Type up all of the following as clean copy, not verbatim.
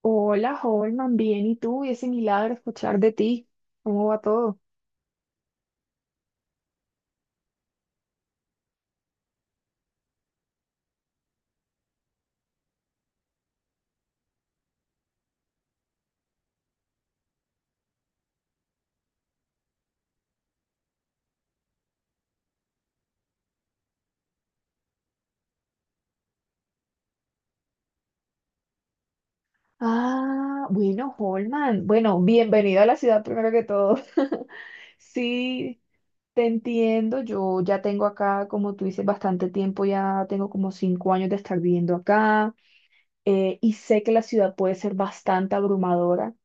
Hola, Holman, bien, ¿y tú? Y ese milagro escuchar de ti. ¿Cómo va todo? Ah, bueno, Holman, bueno, bienvenido a la ciudad primero que todo. Sí, te entiendo, yo ya tengo acá, como tú dices, bastante tiempo, ya tengo como 5 años de estar viviendo acá. Y sé que la ciudad puede ser bastante abrumadora,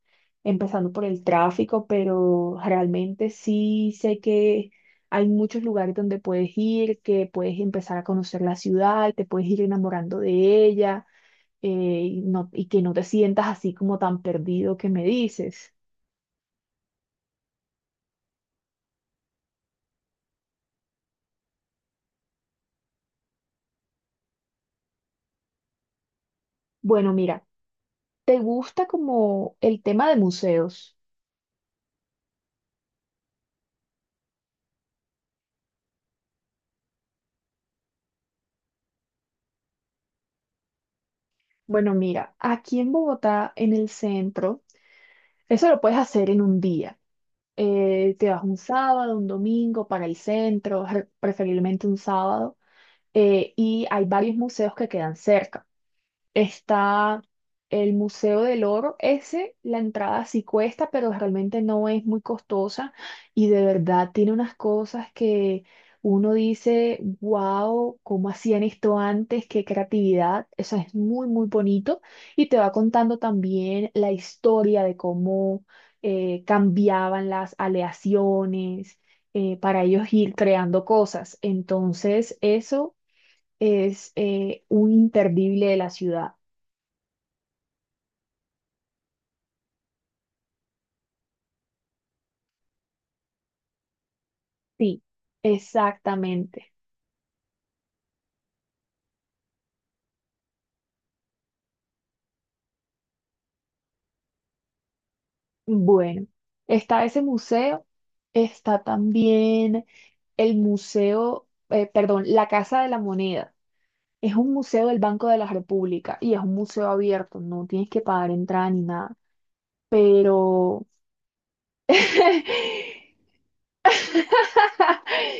empezando por el tráfico, pero realmente sí sé que hay muchos lugares donde puedes ir, que puedes empezar a conocer la ciudad, te puedes ir enamorando de ella, y que no te sientas así como tan perdido que me dices. Bueno, mira, ¿te gusta como el tema de museos? Bueno, mira, aquí en Bogotá, en el centro, eso lo puedes hacer en un día. Te vas un sábado, un domingo para el centro, preferiblemente un sábado, y hay varios museos que quedan cerca. Está el Museo del Oro. Ese, la entrada sí cuesta, pero realmente no es muy costosa y de verdad tiene unas cosas que uno dice, wow, ¿cómo hacían esto antes? Qué creatividad. Eso es muy, muy bonito. Y te va contando también la historia de cómo cambiaban las aleaciones para ellos ir creando cosas. Entonces, eso es un imperdible de la ciudad. Sí, exactamente. Bueno, está ese museo, está también el museo, perdón, la Casa de la Moneda. Es un museo del Banco de la República y es un museo abierto, no tienes que pagar entrada ni nada. Pero,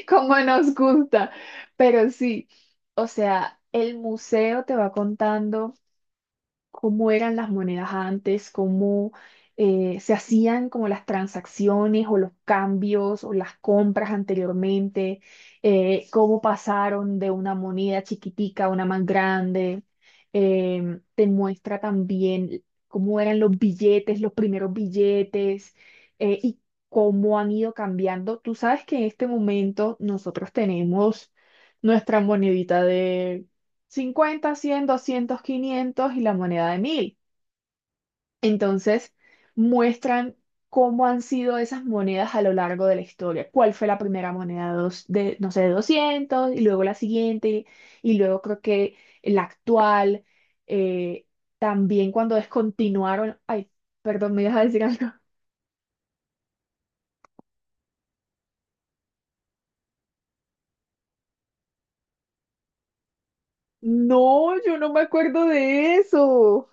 como nos gusta, pero sí, o sea, el museo te va contando cómo eran las monedas antes, cómo se hacían como las transacciones o los cambios o las compras anteriormente, cómo pasaron de una moneda chiquitica a una más grande. Te muestra también cómo eran los billetes, los primeros billetes y cómo han ido cambiando. Tú sabes que en este momento nosotros tenemos nuestra monedita 50, 100, 200, 500 y la moneda de 1000. Entonces, muestran cómo han sido esas monedas a lo largo de la historia. ¿Cuál fue la primera moneda de, no sé, de 200 y luego la siguiente y luego creo que la actual. eh, También cuando descontinuaron, ay, perdón, me ibas a decir algo. No, yo no me acuerdo de eso.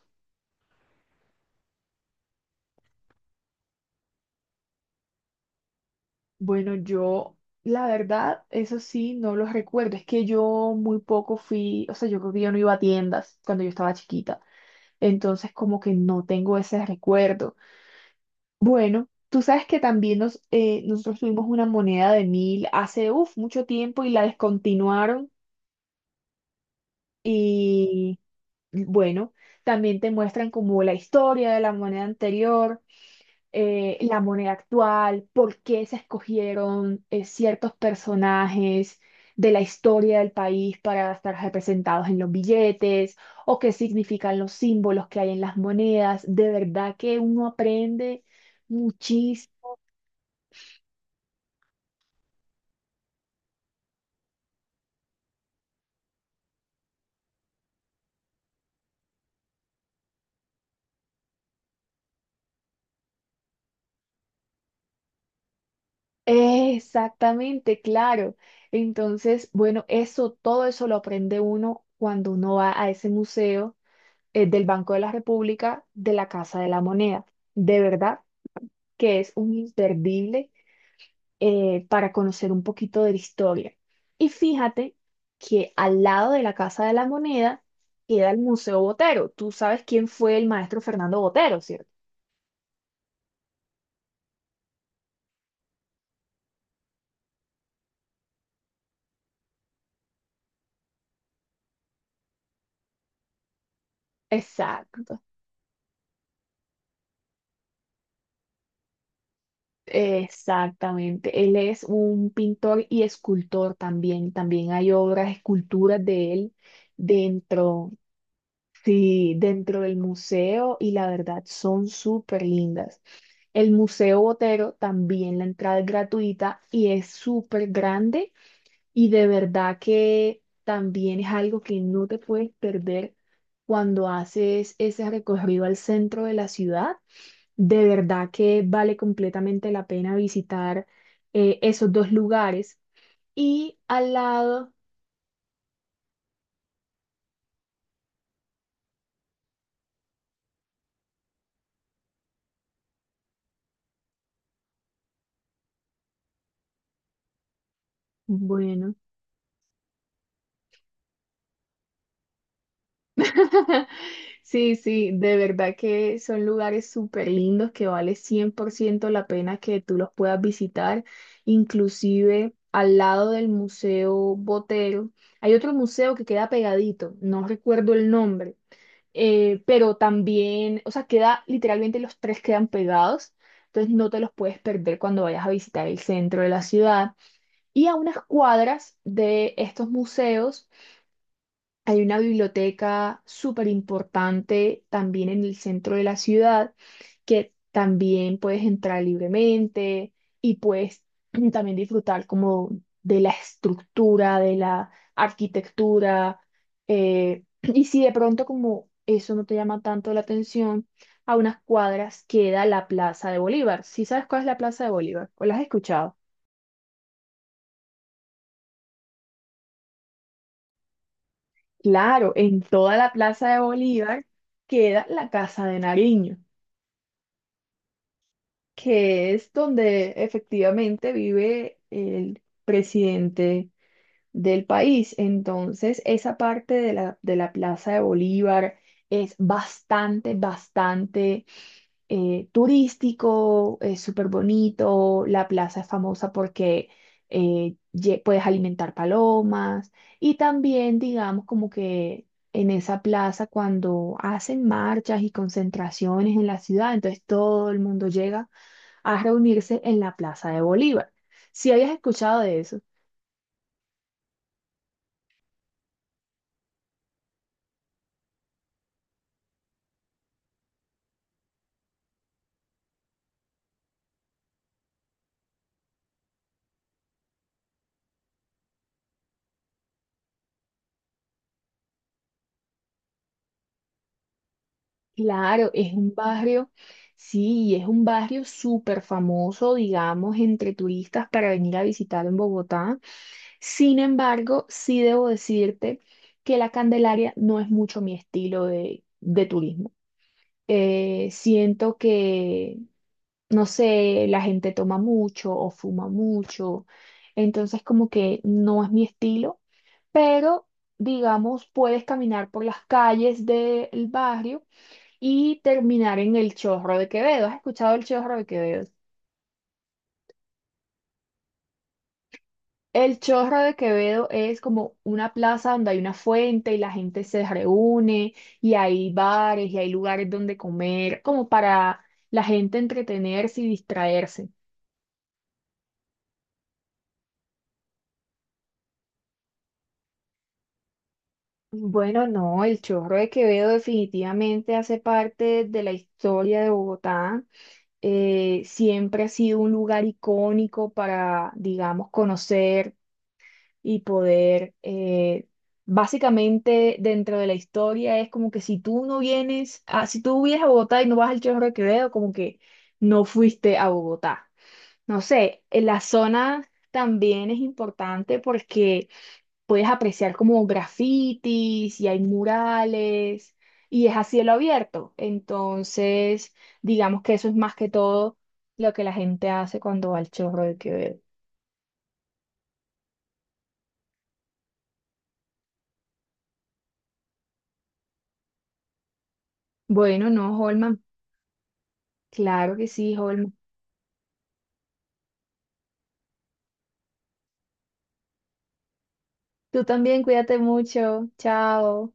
Bueno, yo, la verdad, eso sí, no los recuerdo. Es que yo muy poco fui, o sea, yo creo que yo no iba a tiendas cuando yo estaba chiquita. Entonces, como que no tengo ese recuerdo. Bueno, tú sabes que también nos, nosotros tuvimos una moneda de 1000 hace, uf, mucho tiempo y la descontinuaron. Y bueno, también te muestran como la historia de la moneda anterior. La moneda actual, por qué se escogieron ciertos personajes de la historia del país para estar representados en los billetes, o qué significan los símbolos que hay en las monedas. De verdad que uno aprende muchísimo. Exactamente, claro. Entonces, bueno, eso, todo eso lo aprende uno cuando uno va a ese museo del Banco de la República, de la Casa de la Moneda. De verdad que es un imperdible para conocer un poquito de la historia. Y fíjate que al lado de la Casa de la Moneda queda el Museo Botero. Tú sabes quién fue el maestro Fernando Botero, ¿cierto? Exacto, exactamente. Él es un pintor y escultor también. También hay obras, esculturas de él dentro, sí, dentro del museo y la verdad son súper lindas. El Museo Botero también la entrada es gratuita y es súper grande. Y de verdad que también es algo que no te puedes perder cuando haces ese recorrido al centro de la ciudad. De verdad que vale completamente la pena visitar esos dos lugares. Y al lado, bueno. Sí, sí, de verdad que son lugares súper lindos que vale 100% la pena que tú los puedas visitar. Inclusive al lado del Museo Botero hay otro museo que queda pegadito, no recuerdo el nombre, pero también, o sea, queda literalmente, los tres quedan pegados, entonces no te los puedes perder cuando vayas a visitar el centro de la ciudad. Y a unas cuadras de estos museos hay una biblioteca súper importante también en el centro de la ciudad, que también puedes entrar libremente y puedes también disfrutar como de la estructura, de la arquitectura. Y si de pronto como eso no te llama tanto la atención, a unas cuadras queda la Plaza de Bolívar. ¿Sí sabes cuál es la Plaza de Bolívar? ¿O la has escuchado? Claro, en toda la Plaza de Bolívar queda la Casa de Nariño, que es donde efectivamente vive el presidente del país. Entonces, esa parte de la Plaza de Bolívar es bastante, bastante turístico, es súper bonito. La plaza es famosa porque puedes alimentar palomas y también, digamos, como que... En esa plaza, cuando hacen marchas y concentraciones en la ciudad, entonces todo el mundo llega a reunirse en la Plaza de Bolívar. Si habías escuchado de eso, claro, es un barrio, sí, es un barrio súper famoso, digamos, entre turistas para venir a visitar en Bogotá. Sin embargo, sí debo decirte que la Candelaria no es mucho mi estilo de turismo. Siento que, no sé, la gente toma mucho o fuma mucho, entonces como que no es mi estilo. Pero, digamos, puedes caminar por las calles del barrio y terminar en el Chorro de Quevedo. ¿Has escuchado el Chorro de Quevedo? El Chorro de Quevedo es como una plaza donde hay una fuente y la gente se reúne y hay bares y hay lugares donde comer, como para la gente entretenerse y distraerse. Bueno, no, el Chorro de Quevedo definitivamente hace parte de la historia de Bogotá. Siempre ha sido un lugar icónico para, digamos, conocer y poder, básicamente dentro de la historia es como que si tú vienes a Bogotá y no vas al Chorro de Quevedo, como que no fuiste a Bogotá. No sé, en la zona también es importante porque puedes apreciar como grafitis y hay murales y es a cielo abierto. Entonces, digamos que eso es más que todo lo que la gente hace cuando va al Chorro de Quevedo. Bueno, no, Holman. Claro que sí, Holman. Tú también cuídate mucho. Chao.